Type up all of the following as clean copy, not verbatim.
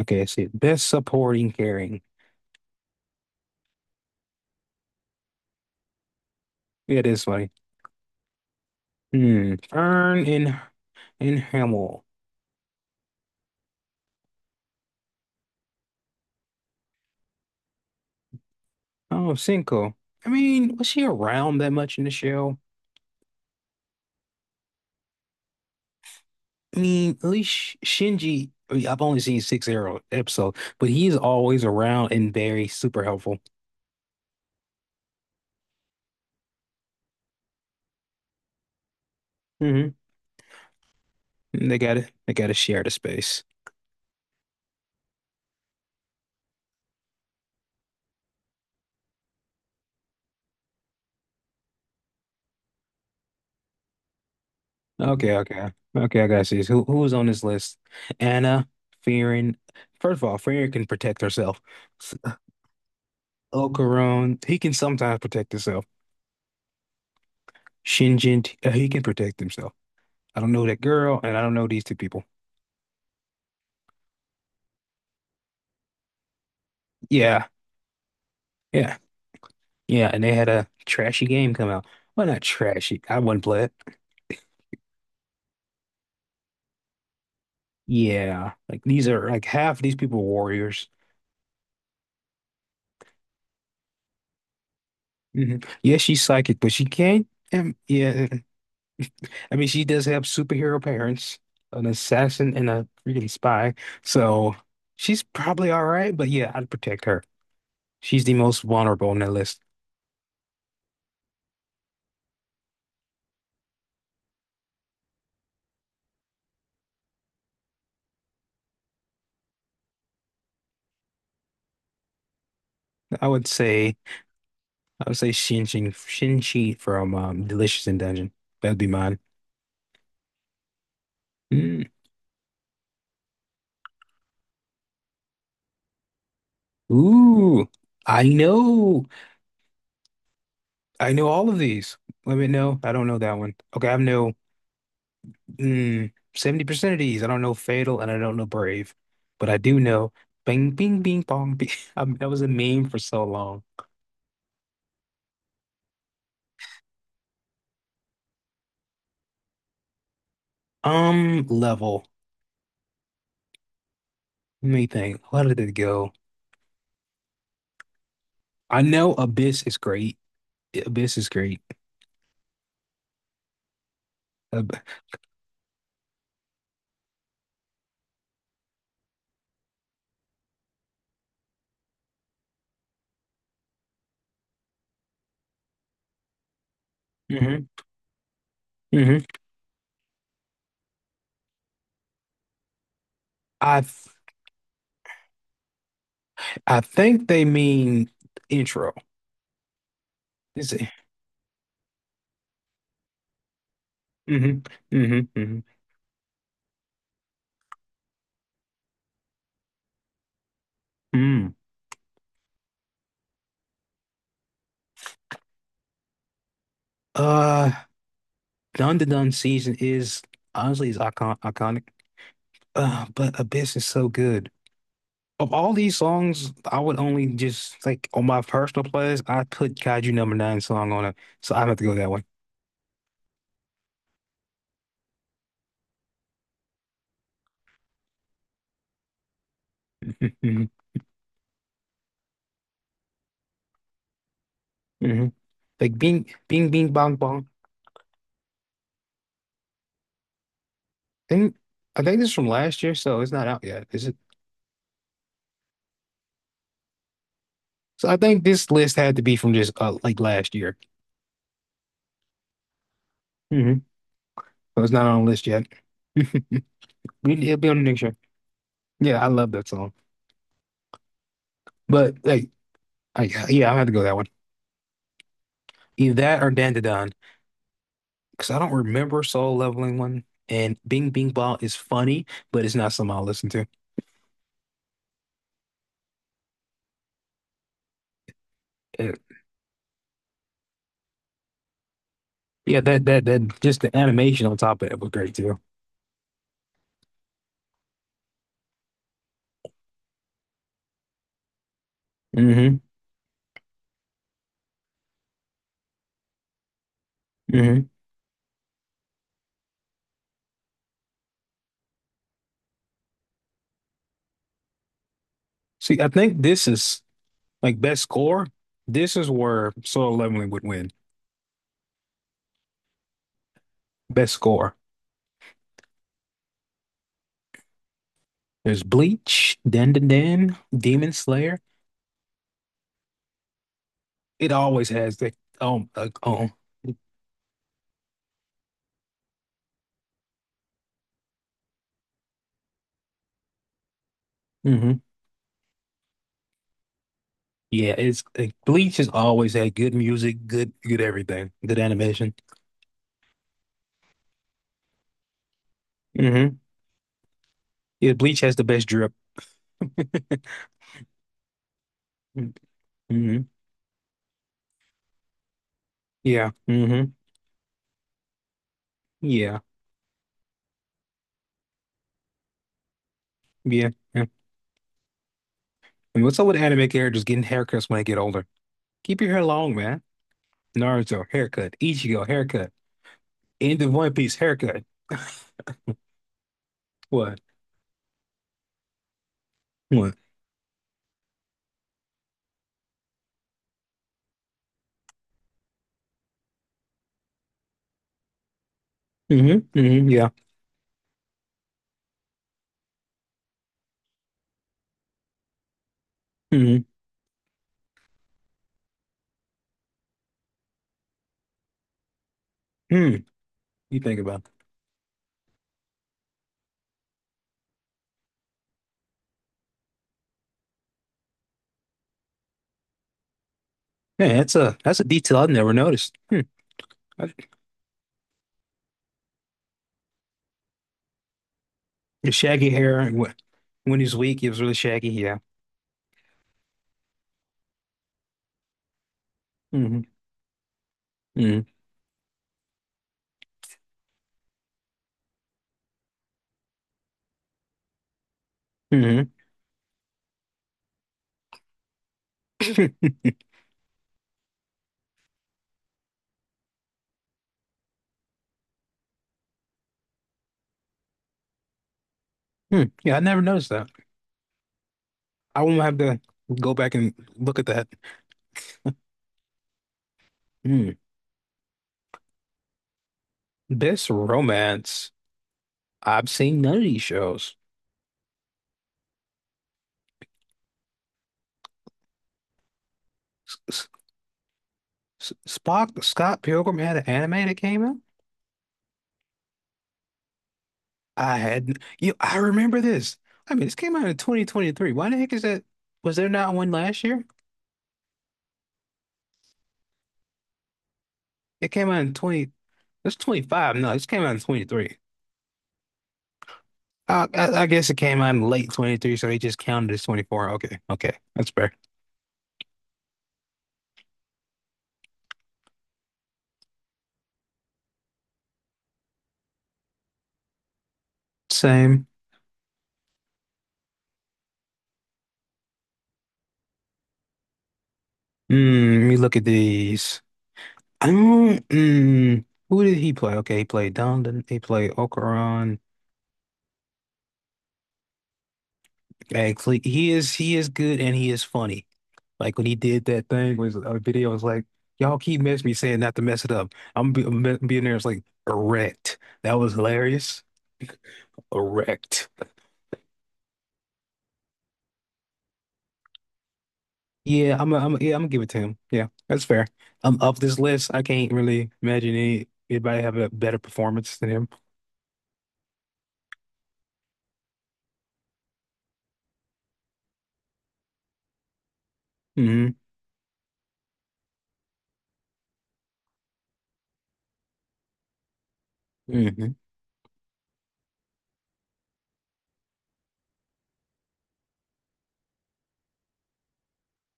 Okay, I see. Best supporting caring. Yeah, it is funny. Hmm. Fern and Hamill. Oh, Cinco. I mean, was she around that much in the show? I mean, at least Shinji. I mean, I've only seen six arrow episode, but he's always around and very super helpful. Mhm. They gotta share the space. Okay, okay. Okay, I gotta see this. Who was on this list? Anna, Fearing. First of all, Fearing can protect herself. S- Ocaron, he can sometimes protect himself. Shinjin, he can protect himself. I don't know that girl, and I don't know these two people. Yeah, yeah, yeah. And they had a trashy game come out. Well, not trashy. I wouldn't play it. Yeah, like these are like half of these people are warriors. Hmm Yeah, she's psychic, but she can't. Yeah, I mean, she does have superhero parents, an assassin and a freaking spy. So she's probably all right, but yeah, I'd protect her. She's the most vulnerable on that list. I would say I would say Shinchi Shin from Delicious in Dungeon. That'd be mine. Mm. Ooh, I know. I know all of these. Let me know. I don't know that one. Okay, I know. Mm, 70% of these. I don't know Fatal and I don't know Brave, but I do know Bing Bing Bing Bong Bing. I mean, that was a meme for so long. Level. Let me think. Where did it go? I know Abyss is great. Abyss is great. Ab hmm hmm I th- I think they mean intro. Is it? Hmm hmm hmm Mm. Uh, Dun Dun Dun season is honestly is iconic. But Abyss is so good. Of all these songs, I would only just like on my personal playlist, I put Kaiju Number Nine song on it, so I have to go that way. hmm Like Bing, Bing, Bing, Bong, Bong. I think I think this is from last year, so it's not out yet, is it? So I think this list had to be from just like last year. Hmm So it's not on the list yet. It'll be on the next year. Yeah, I love that song, but like, I, yeah, I have to go that one. Either that or Dandadan, because I don't remember Soul Leveling one. And Bing Bing Ball is funny, but it's not something I'll listen to. Uh, yeah, that just the animation on top of it was great too. Hmm hmm See, I think this is like best score. This is where Soul Leveling would win. Best score. There's Bleach, Dan Dan Dan, Demon Slayer. It always has the um uh, oh hmm yeah. It's like Bleach has always had good music, good everything, good animation. Hmm Yeah, Bleach has the best drip. Hmm Yeah. hmm Yeah. Yeah. Yeah. And what's up with anime characters getting haircuts when they get older? Keep your hair long, man. Naruto, haircut. Ichigo, haircut. End of One Piece, haircut. What? What? Hmm hmm Yeah. hmm Hmm. You think about it. Man, that's a detail I've never noticed. Hmm. I- The shaggy hair and when he's weak, it was really shaggy. Yeah. hmm hmm hmm Hmm. Hmm. Yeah, I never noticed that. I won't have to go back and look at that. Hmm. Best romance. I've seen none of these shows. S- Spock, Scott Pilgrim had an anime that came out. I had, you, I remember this. I mean, this came out in 2023. Why the heck is that? Was there not one last year? It came out in 20, it's 25. No, this came out in 23. I guess it came out in late 23, so they just counted as 24. Okay, okay, that's fair. Same. Mm, let me look at these. Mm, mm. Who did he play? Okay, he played Don, he played Okoron. Actually, he is good and he is funny. Like when he did that thing was a video was like, y'all keep messing me saying not to mess it up. Being there. It's like erect. That was hilarious. Erect. Yeah, yeah, I'm gonna give it to him. Yeah, that's fair. I'm up this list. I can't really imagine anybody have a better performance than him. Hmm hmm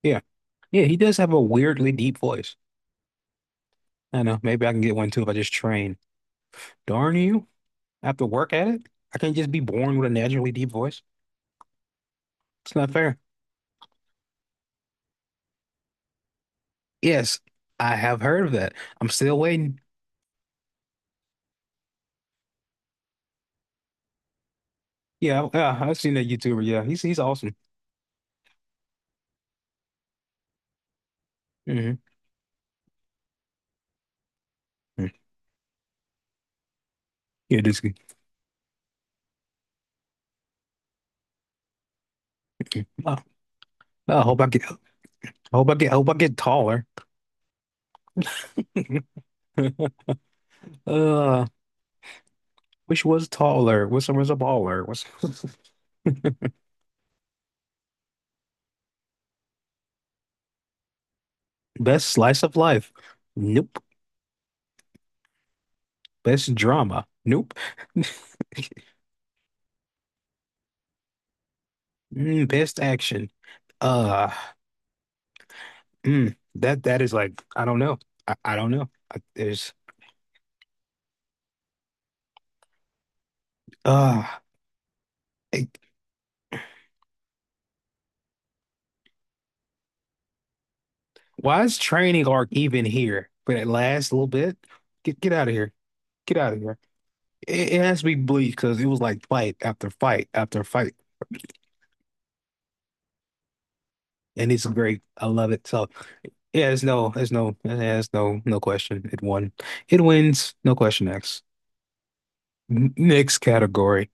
Yeah, yeah, he does have a weirdly deep voice. I know. Maybe I can get one too if I just train. Darn you. I have to work at it. I can't just be born with a naturally deep voice. It's not fair. Yes, I have heard of that. I'm still waiting. Yeah, yeah, I've seen that YouTuber. Yeah, he's awesome. Hmm Yeah, this guy. Mhm. Oh, I hope I get, I I hope I get taller. Uh, which was taller. Which one was a baller. What's best slice of life? Nope. Best drama? Nope. Mm, best action? Uh, mm, that that is like I don't know. I don't know. I, there's Uh, why is Training Arc even here for that last little bit? Get out of here. Get out of here. It has to be bleak because it was like fight after fight after fight, and it's great. I love it. So yeah, there's no, there's no, there's no, no question. It won. It wins. No question. Next, next category.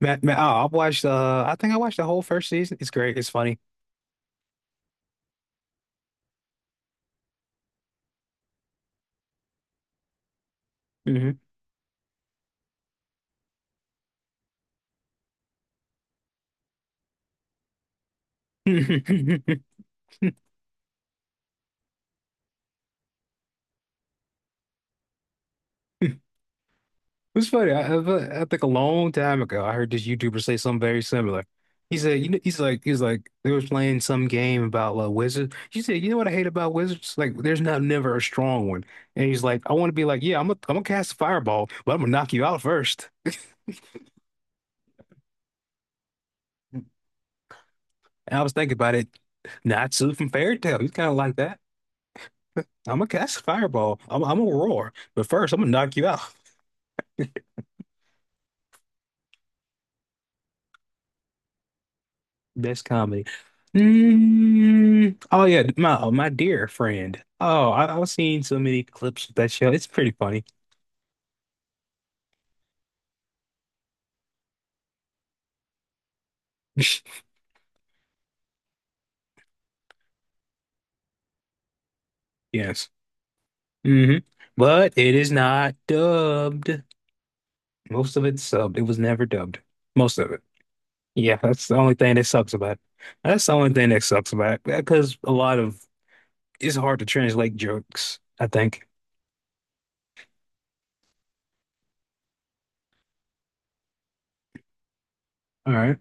Oh, I've watched. I think I watched the whole first season. It's great. It's funny. Hmm It's funny. I think a long time ago, I heard this YouTuber say something very similar. He said, "You know," he's like, they was playing some game about wizards. He said, "You know what I hate about wizards? Like, there's not never a strong one." And he's like, "I want to be like, yeah, I'm gonna cast a fireball, but I'm gonna knock you out first." And I was thinking about it. Natsu from Fairy Tail, he's kind of like that. I'm gonna cast a fireball. I'm gonna roar, but first I'm gonna knock you out. Best comedy. Mm, oh yeah, my oh, my dear friend. Oh, I've seen so many clips of that show. It's pretty funny. Yes. hmm But it is not dubbed. Most of it's subbed. It was never dubbed. Most of it. Yeah, that's the only thing that sucks about it. That's the only thing that sucks about it. Because a lot of it's hard to translate jokes, I think. All right.